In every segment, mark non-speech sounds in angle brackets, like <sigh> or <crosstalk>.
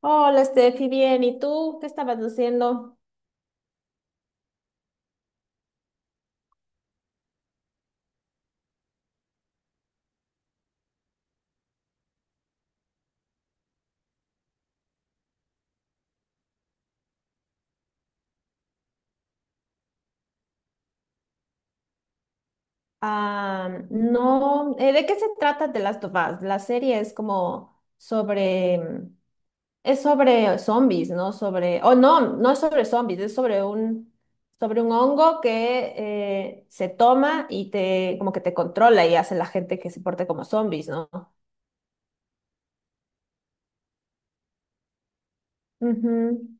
Hola, Steffi, bien. ¿Y tú qué estabas diciendo? Ah, no, ¿De qué se trata de las of Us? La serie es como sobre, es sobre zombies, ¿no? Sobre, oh, no, no es sobre zombies, sobre un hongo que se toma y te, como que te controla y hace la gente que se porte como zombies, ¿no? Ujú.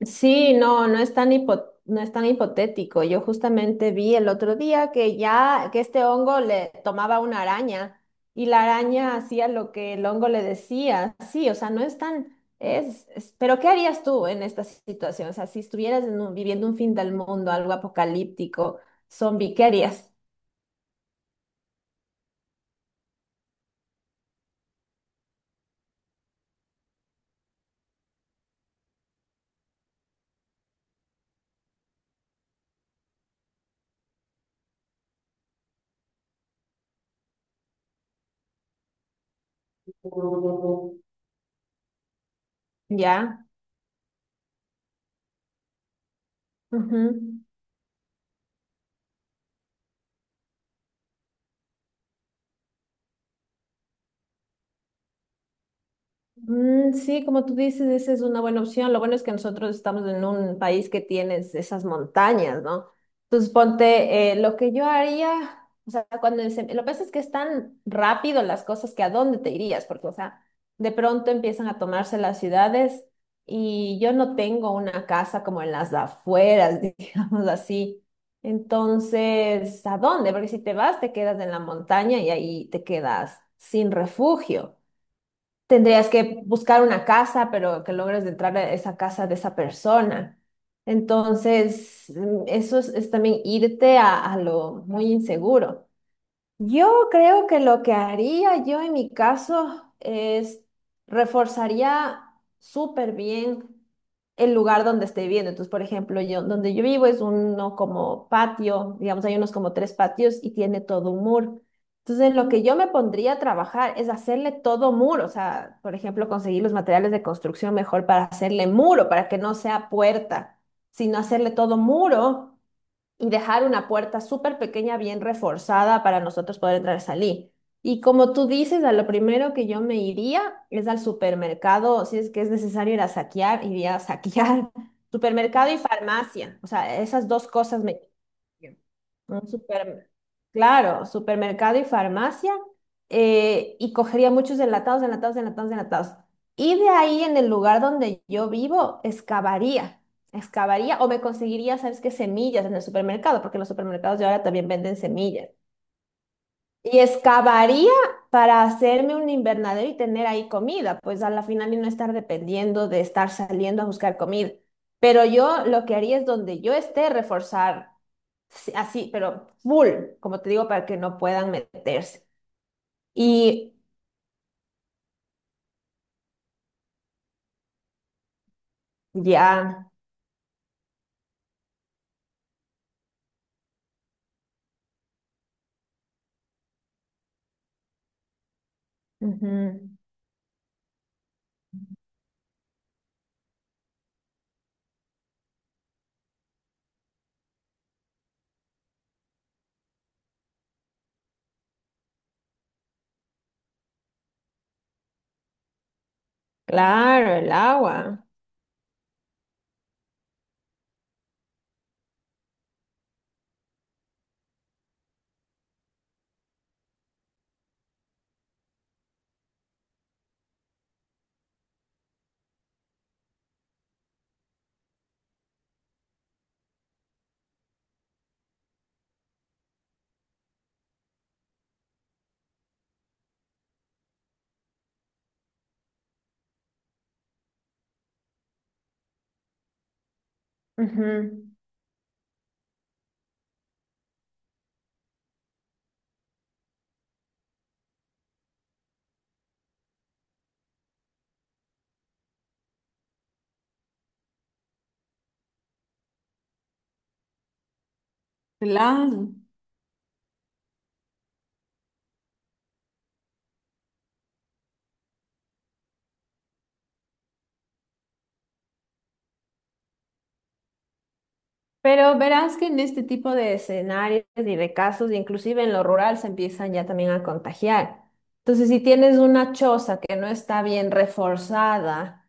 Sí, no, no es tan no es tan hipotético. Yo justamente vi el otro día que ya, que este hongo le tomaba una araña y la araña hacía lo que el hongo le decía. Sí, o sea, no es tan, es, pero ¿qué harías tú en esta situación? O sea, si estuvieras en viviendo un fin del mundo, algo apocalíptico, zombie, ¿qué harías? <laughs> Ya. Ujú. Sí, como tú dices, esa es una buena opción. Lo bueno es que nosotros estamos en un país que tienes esas montañas, ¿no? Entonces, ponte, lo que yo haría, o sea, lo que pasa es que es tan rápido las cosas que a dónde te irías, porque, o sea, de pronto empiezan a tomarse las ciudades y yo no tengo una casa como en las afueras, <laughs> digamos así. Entonces, ¿a dónde? Porque si te vas, te quedas en la montaña y ahí te quedas sin refugio. Tendrías que buscar una casa, pero que logres entrar a esa casa de esa persona. Entonces, eso es también irte a lo muy inseguro. Yo creo que lo que haría yo en mi caso es reforzaría súper bien el lugar donde esté viviendo. Entonces, por ejemplo, yo donde yo vivo es uno como patio, digamos, hay unos como tres patios y tiene todo un muro. Entonces, lo que yo me pondría a trabajar es hacerle todo muro, o sea, por ejemplo, conseguir los materiales de construcción mejor para hacerle muro, para que no sea puerta, sino hacerle todo muro y dejar una puerta súper pequeña, bien reforzada para nosotros poder entrar y salir. Y como tú dices, a lo primero que yo me iría es al supermercado, si es que es necesario ir a saquear, iría a saquear <laughs> supermercado y farmacia. O sea, esas dos cosas me... Bien. Un claro, supermercado y farmacia, y cogería muchos enlatados, enlatados, enlatados, enlatados. Y de ahí, en el lugar donde yo vivo, excavaría, excavaría o me conseguiría, ¿sabes qué? Semillas en el supermercado, porque los supermercados de ahora también venden semillas. Y excavaría para hacerme un invernadero y tener ahí comida, pues a la final y no estar dependiendo de estar saliendo a buscar comida. Pero yo lo que haría es donde yo esté, reforzar sí, así, pero full, como te digo, para que no puedan meterse. Y ya, ujú, claro, el agua. Ujú. Claro. Pero verás que en este tipo de escenarios y de casos, inclusive en lo rural, se empiezan ya también a contagiar. Entonces, si tienes una choza que no está bien reforzada,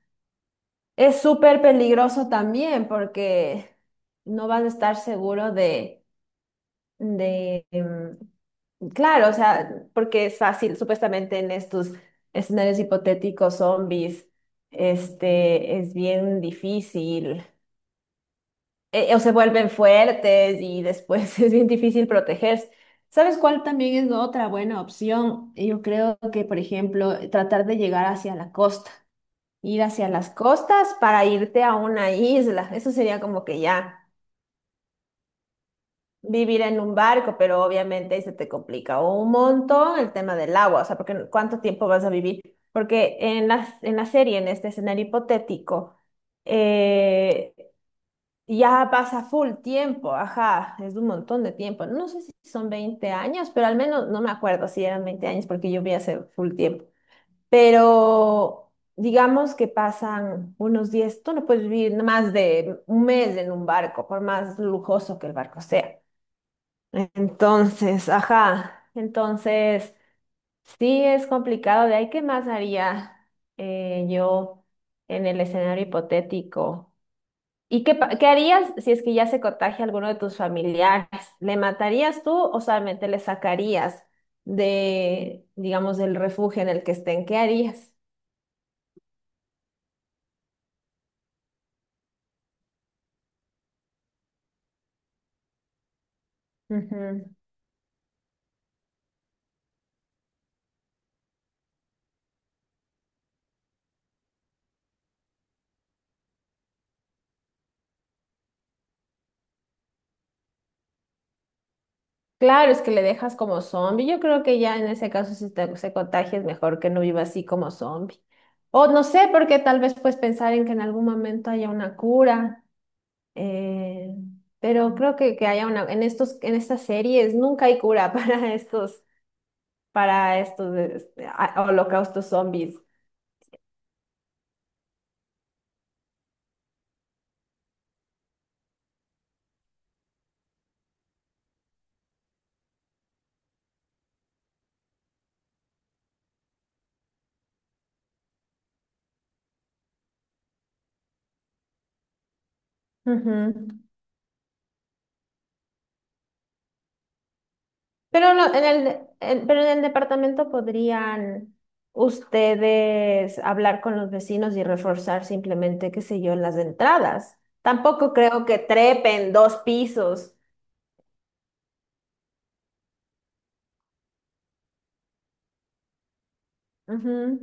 es súper peligroso también porque no vas a estar seguro de, claro, o sea, porque es fácil, supuestamente en estos escenarios hipotéticos, zombies, este, es bien difícil, o se vuelven fuertes y después <laughs> es bien difícil protegerse. ¿Sabes cuál también es otra buena opción? Yo creo que, por ejemplo, tratar de llegar hacia la costa, ir hacia las costas para irte a una isla, eso sería como que ya. Vivir en un barco, pero obviamente ahí se te complica un montón el tema del agua, o sea, porque cuánto tiempo vas a vivir, porque en en la serie, en este escenario hipotético, eh, ya pasa full tiempo, ajá, es un montón de tiempo, no sé si son 20 años, pero al menos no me acuerdo si eran 20 años porque yo vi hace full tiempo, pero digamos que pasan unos 10, tú no puedes vivir más de un mes en un barco, por más lujoso que el barco sea. Entonces, ajá, entonces sí es complicado. De ahí, ¿qué más haría yo en el escenario hipotético? Y qué, ¿qué harías si es que ya se contagia alguno de tus familiares? ¿Le matarías tú o solamente le sacarías de, digamos, del refugio en el que estén? ¿Qué harías? Claro, es que le dejas como zombie. Yo creo que ya en ese caso, si te, se contagia, es mejor que no viva así como zombie. O no sé, porque tal vez pues pensar en que en algún momento haya una cura. eh, pero creo que haya en en estas series nunca hay cura <laughs> para para estos holocaustos zombies. Ujú. Pero en el, pero en el departamento podrían ustedes hablar con los vecinos y reforzar simplemente, qué sé yo, las entradas. Tampoco creo que trepen dos pisos. Ujú,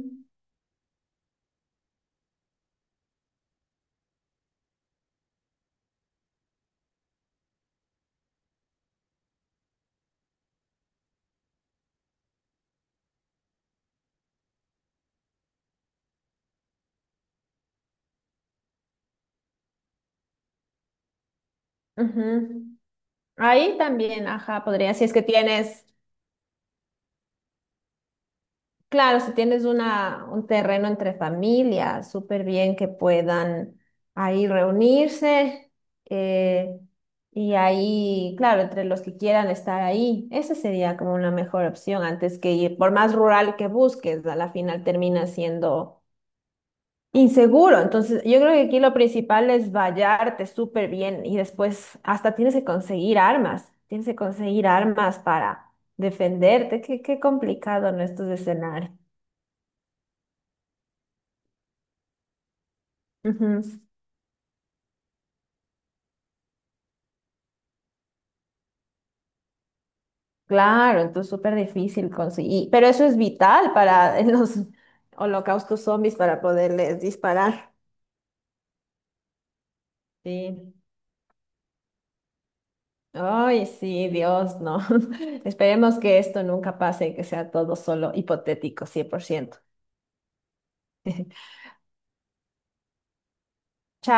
ujú. Ahí también, ajá, podría, si es que tienes... Claro, si tienes un terreno entre familias, súper bien que puedan ahí reunirse eh, y ahí, claro, entre los que quieran estar ahí, esa sería como una mejor opción antes que ir, por más rural que busques, a la final termina siendo inseguro. Entonces, yo creo que aquí lo principal es vallarte súper bien y después hasta tienes que conseguir armas, tienes que conseguir armas para defenderte. Qué, qué complicado en estos escenarios. Ujú, claro, entonces súper difícil conseguir, pero eso es vital para <laughs> los holocaustos zombies para poderles disparar. Sí. Ay, sí, Dios, no. <laughs> Esperemos que esto nunca pase y que sea todo solo hipotético, 100%. Chao.